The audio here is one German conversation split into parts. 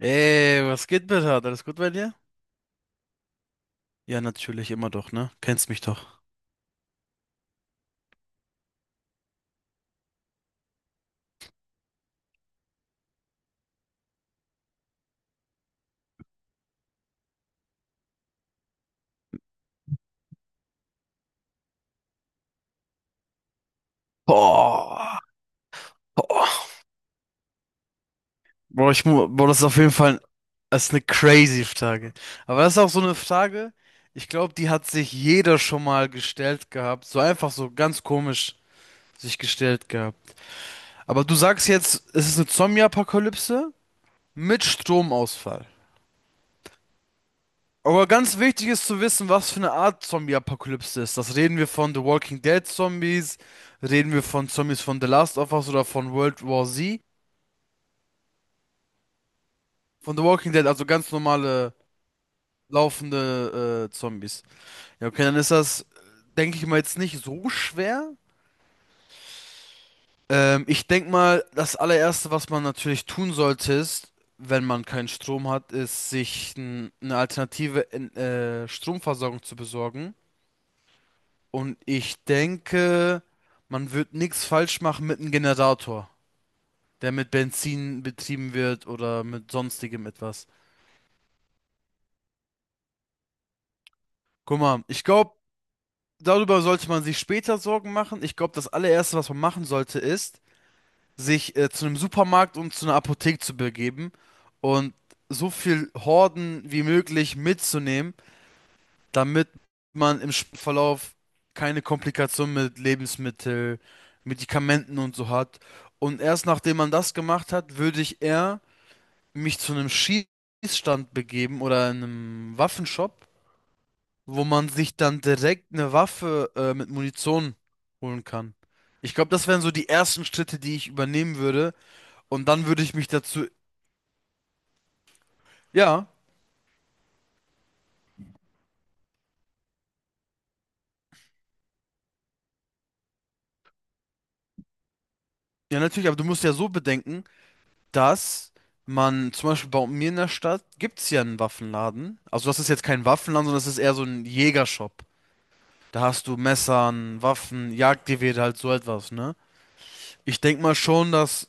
Ey, was geht, Bernhard? Alles gut bei dir? Ja, natürlich, immer doch, ne? Kennst mich doch. Boah, boah. Boah, das ist auf jeden Fall das ist eine crazy Frage. Aber das ist auch so eine Frage, ich glaube, die hat sich jeder schon mal gestellt gehabt. So einfach so ganz komisch sich gestellt gehabt. Aber du sagst jetzt, es ist eine Zombie-Apokalypse mit Stromausfall. Aber ganz wichtig ist zu wissen, was für eine Art Zombie-Apokalypse ist. Das reden wir von The Walking Dead Zombies, reden wir von Zombies von The Last of Us oder von World War Z. Von The Walking Dead, also ganz normale laufende Zombies. Ja, okay, dann ist das, denke ich mal, jetzt nicht so schwer. Ich denke mal, das allererste, was man natürlich tun sollte, ist, wenn man keinen Strom hat, ist, eine alternative Stromversorgung zu besorgen. Und ich denke, man wird nichts falsch machen mit einem Generator, der mit Benzin betrieben wird oder mit sonstigem etwas. Guck mal, ich glaube, darüber sollte man sich später Sorgen machen. Ich glaube, das allererste, was man machen sollte, ist, sich zu einem Supermarkt und zu einer Apotheke zu begeben und so viel Horden wie möglich mitzunehmen damit man im Verlauf keine Komplikationen mit Lebensmittel, Medikamenten und so hat. Und erst nachdem man das gemacht hat, würde ich eher mich zu einem Schießstand begeben oder einem Waffenshop, wo man sich dann direkt eine Waffe mit Munition holen kann. Ich glaube, das wären so die ersten Schritte, die ich übernehmen würde. Und dann würde ich mich dazu. Ja, ja, natürlich, aber du musst ja so bedenken. Dass man zum Beispiel bei mir in der Stadt gibt es ja einen Waffenladen. Also das ist jetzt kein Waffenladen, sondern das ist eher so ein Jägershop. Da hast du Messern, Waffen, Jagdgewehre, halt so etwas, ne? Ich denke mal schon, dass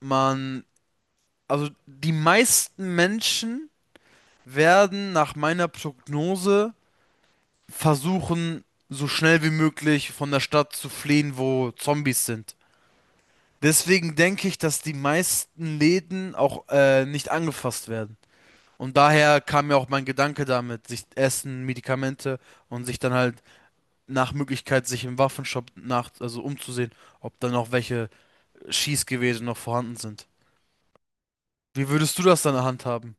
man, also die meisten Menschen werden nach meiner Prognose versuchen, so schnell wie möglich von der Stadt zu fliehen, wo Zombies sind. Deswegen denke ich, dass die meisten Läden auch nicht angefasst werden. Und daher kam mir auch mein Gedanke damit, sich Essen, Medikamente und sich dann halt nach Möglichkeit sich im Waffenshop nach, also umzusehen, ob dann noch welche Schießgewehre noch vorhanden sind. Wie würdest du das dann handhaben?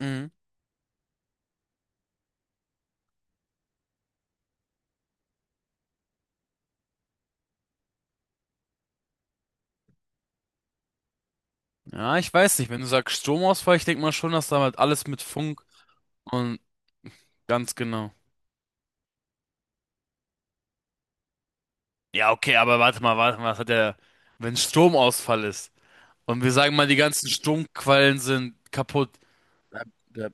Mhm. Ja, ich weiß nicht. Wenn du sagst Stromausfall, ich denke mal schon, dass da halt alles mit Funk und ganz genau. Ja, okay, aber warte mal, was hat der, wenn Stromausfall ist und wir sagen mal, die ganzen Stromquellen sind kaputt. Ja, ja.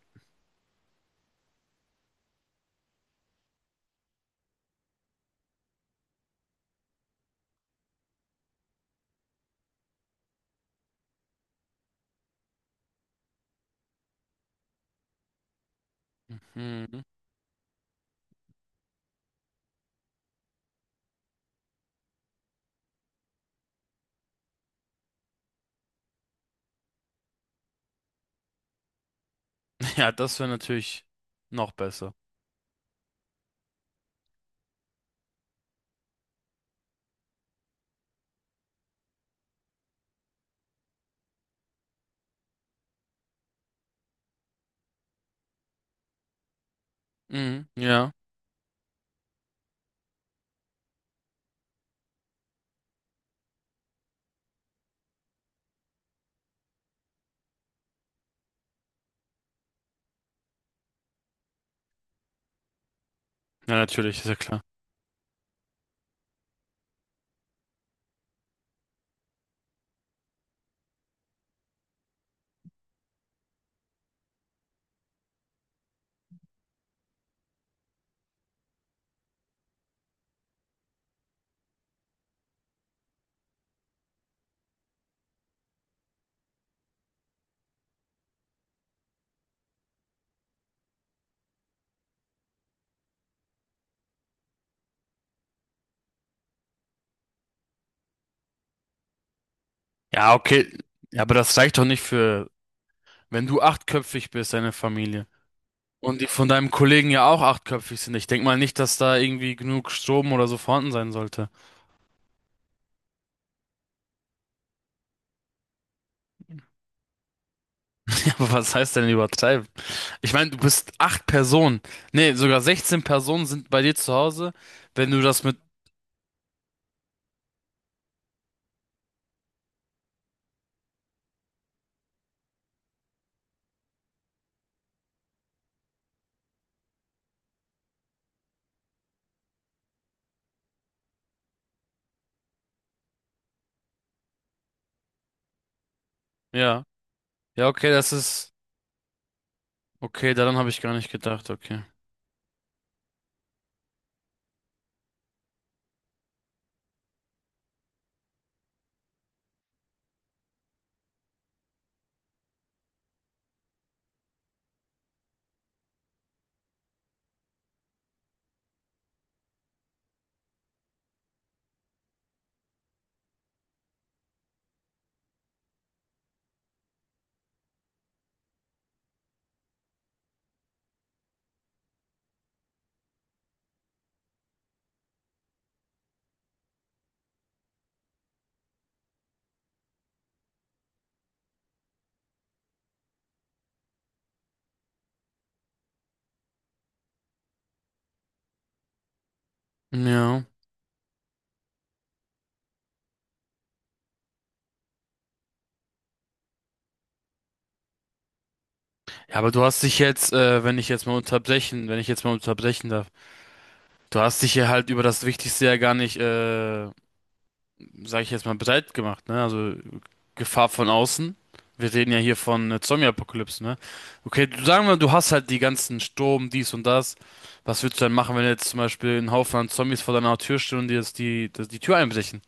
Mhm. Ja, das wäre natürlich noch besser. Mhm. Ja. Ja, natürlich, ist ja klar. Ja, okay. Ja, aber das reicht doch nicht für, wenn du 8-köpfig bist, deine Familie. Und die von deinem Kollegen ja auch 8-köpfig sind. Ich denk mal nicht, dass da irgendwie genug Strom oder so vorhanden sein sollte. Ja, aber was heißt denn übertreiben? Ich meine, du bist 8 Personen. Nee, sogar 16 Personen sind bei dir zu Hause, wenn du das mit. Ja. Ja, okay, das ist. Okay, daran habe ich gar nicht gedacht, okay. Ja. Ja, aber du hast dich jetzt, wenn ich jetzt mal unterbrechen, wenn ich jetzt mal unterbrechen darf. Du hast dich hier halt über das Wichtigste ja gar nicht, sag ich jetzt mal, breit gemacht, ne? Also Gefahr von außen. Wir reden ja hier von Zombie-Apokalypse, ne? Okay, du sagen wir, du hast halt die ganzen Sturm, dies und das. Was würdest du dann machen, wenn jetzt zum Beispiel ein Haufen an Zombies vor deiner Tür stehen und dir jetzt die Tür einbrechen?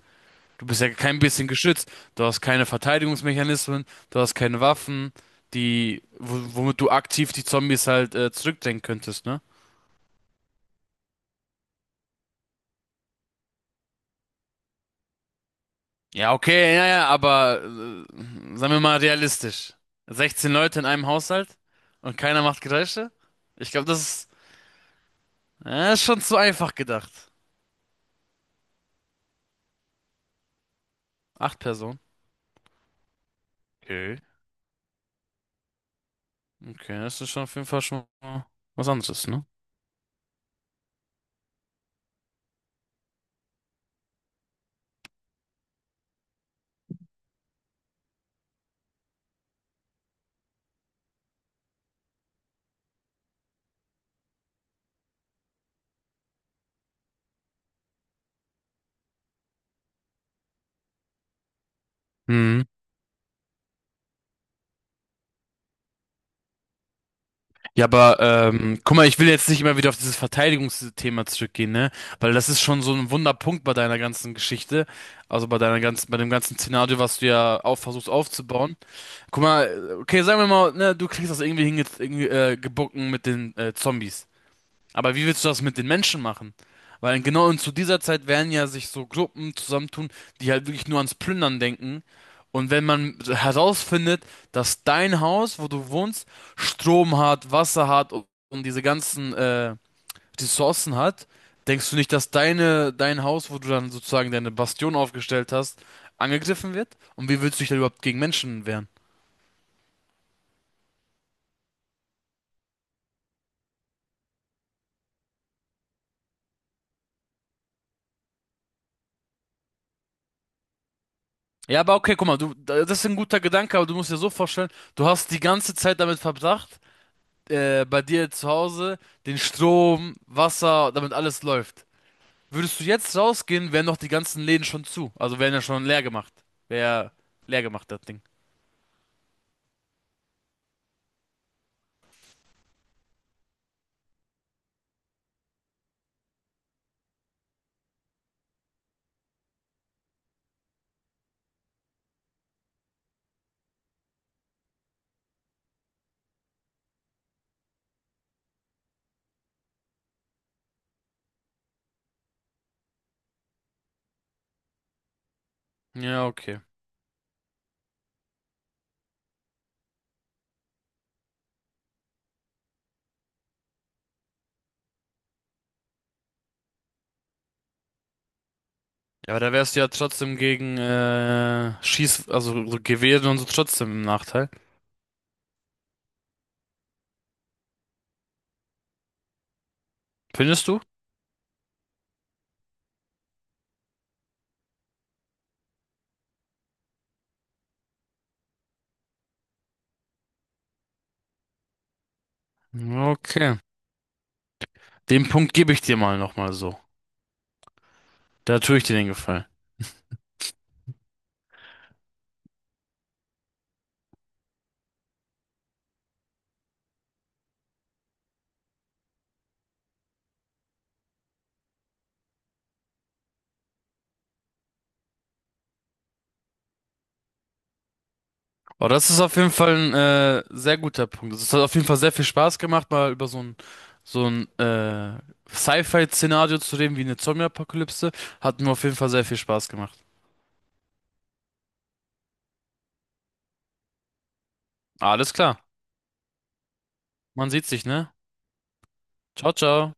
Du bist ja kein bisschen geschützt. Du hast keine Verteidigungsmechanismen, du hast keine Waffen, womit du aktiv die Zombies halt zurückdrängen könntest, ne? Ja, okay, ja, ja, aber sagen wir mal realistisch. 16 Leute in einem Haushalt und keiner macht Geräusche? Ich glaube, ist schon zu einfach gedacht. Acht Personen. Okay. Okay, das ist schon auf jeden Fall schon mal was anderes, ne? Hm. Ja, aber guck mal, ich will jetzt nicht immer wieder auf dieses Verteidigungsthema zurückgehen, ne? Weil das ist schon so ein Wunderpunkt bei deiner ganzen Geschichte, also bei bei dem ganzen Szenario, was du ja auch versuchst aufzubauen. Guck mal, okay, sagen wir mal, ne, du kriegst das irgendwie gebacken mit den Zombies. Aber wie willst du das mit den Menschen machen? Weil genau und zu dieser Zeit werden ja sich so Gruppen zusammentun, die halt wirklich nur ans Plündern denken. Und wenn man herausfindet, dass dein Haus, wo du wohnst, Strom hat, Wasser hat und diese ganzen Ressourcen hat, denkst du nicht, dass dein Haus, wo du dann sozusagen deine Bastion aufgestellt hast, angegriffen wird? Und wie willst du dich da überhaupt gegen Menschen wehren? Ja, aber okay, guck mal, das ist ein guter Gedanke, aber du musst dir so vorstellen, du hast die ganze Zeit damit verbracht, bei dir zu Hause, den Strom, Wasser, damit alles läuft. Würdest du jetzt rausgehen, wären doch die ganzen Läden schon zu. Also wären ja schon leer gemacht. Wäre leer gemacht, das Ding. Ja, okay. Ja, aber da wärst du ja trotzdem gegen also so Gewehre und so trotzdem im Nachteil. Findest du? Okay. Den Punkt gebe ich dir mal nochmal so. Da tue ich dir den Gefallen. Aber das ist auf jeden Fall ein sehr guter Punkt. Es hat auf jeden Fall sehr viel Spaß gemacht, mal über so ein Sci-Fi-Szenario zu reden, wie eine Zombie-Apokalypse. Hat mir auf jeden Fall sehr viel Spaß gemacht. Alles klar. Man sieht sich, ne? Ciao, ciao.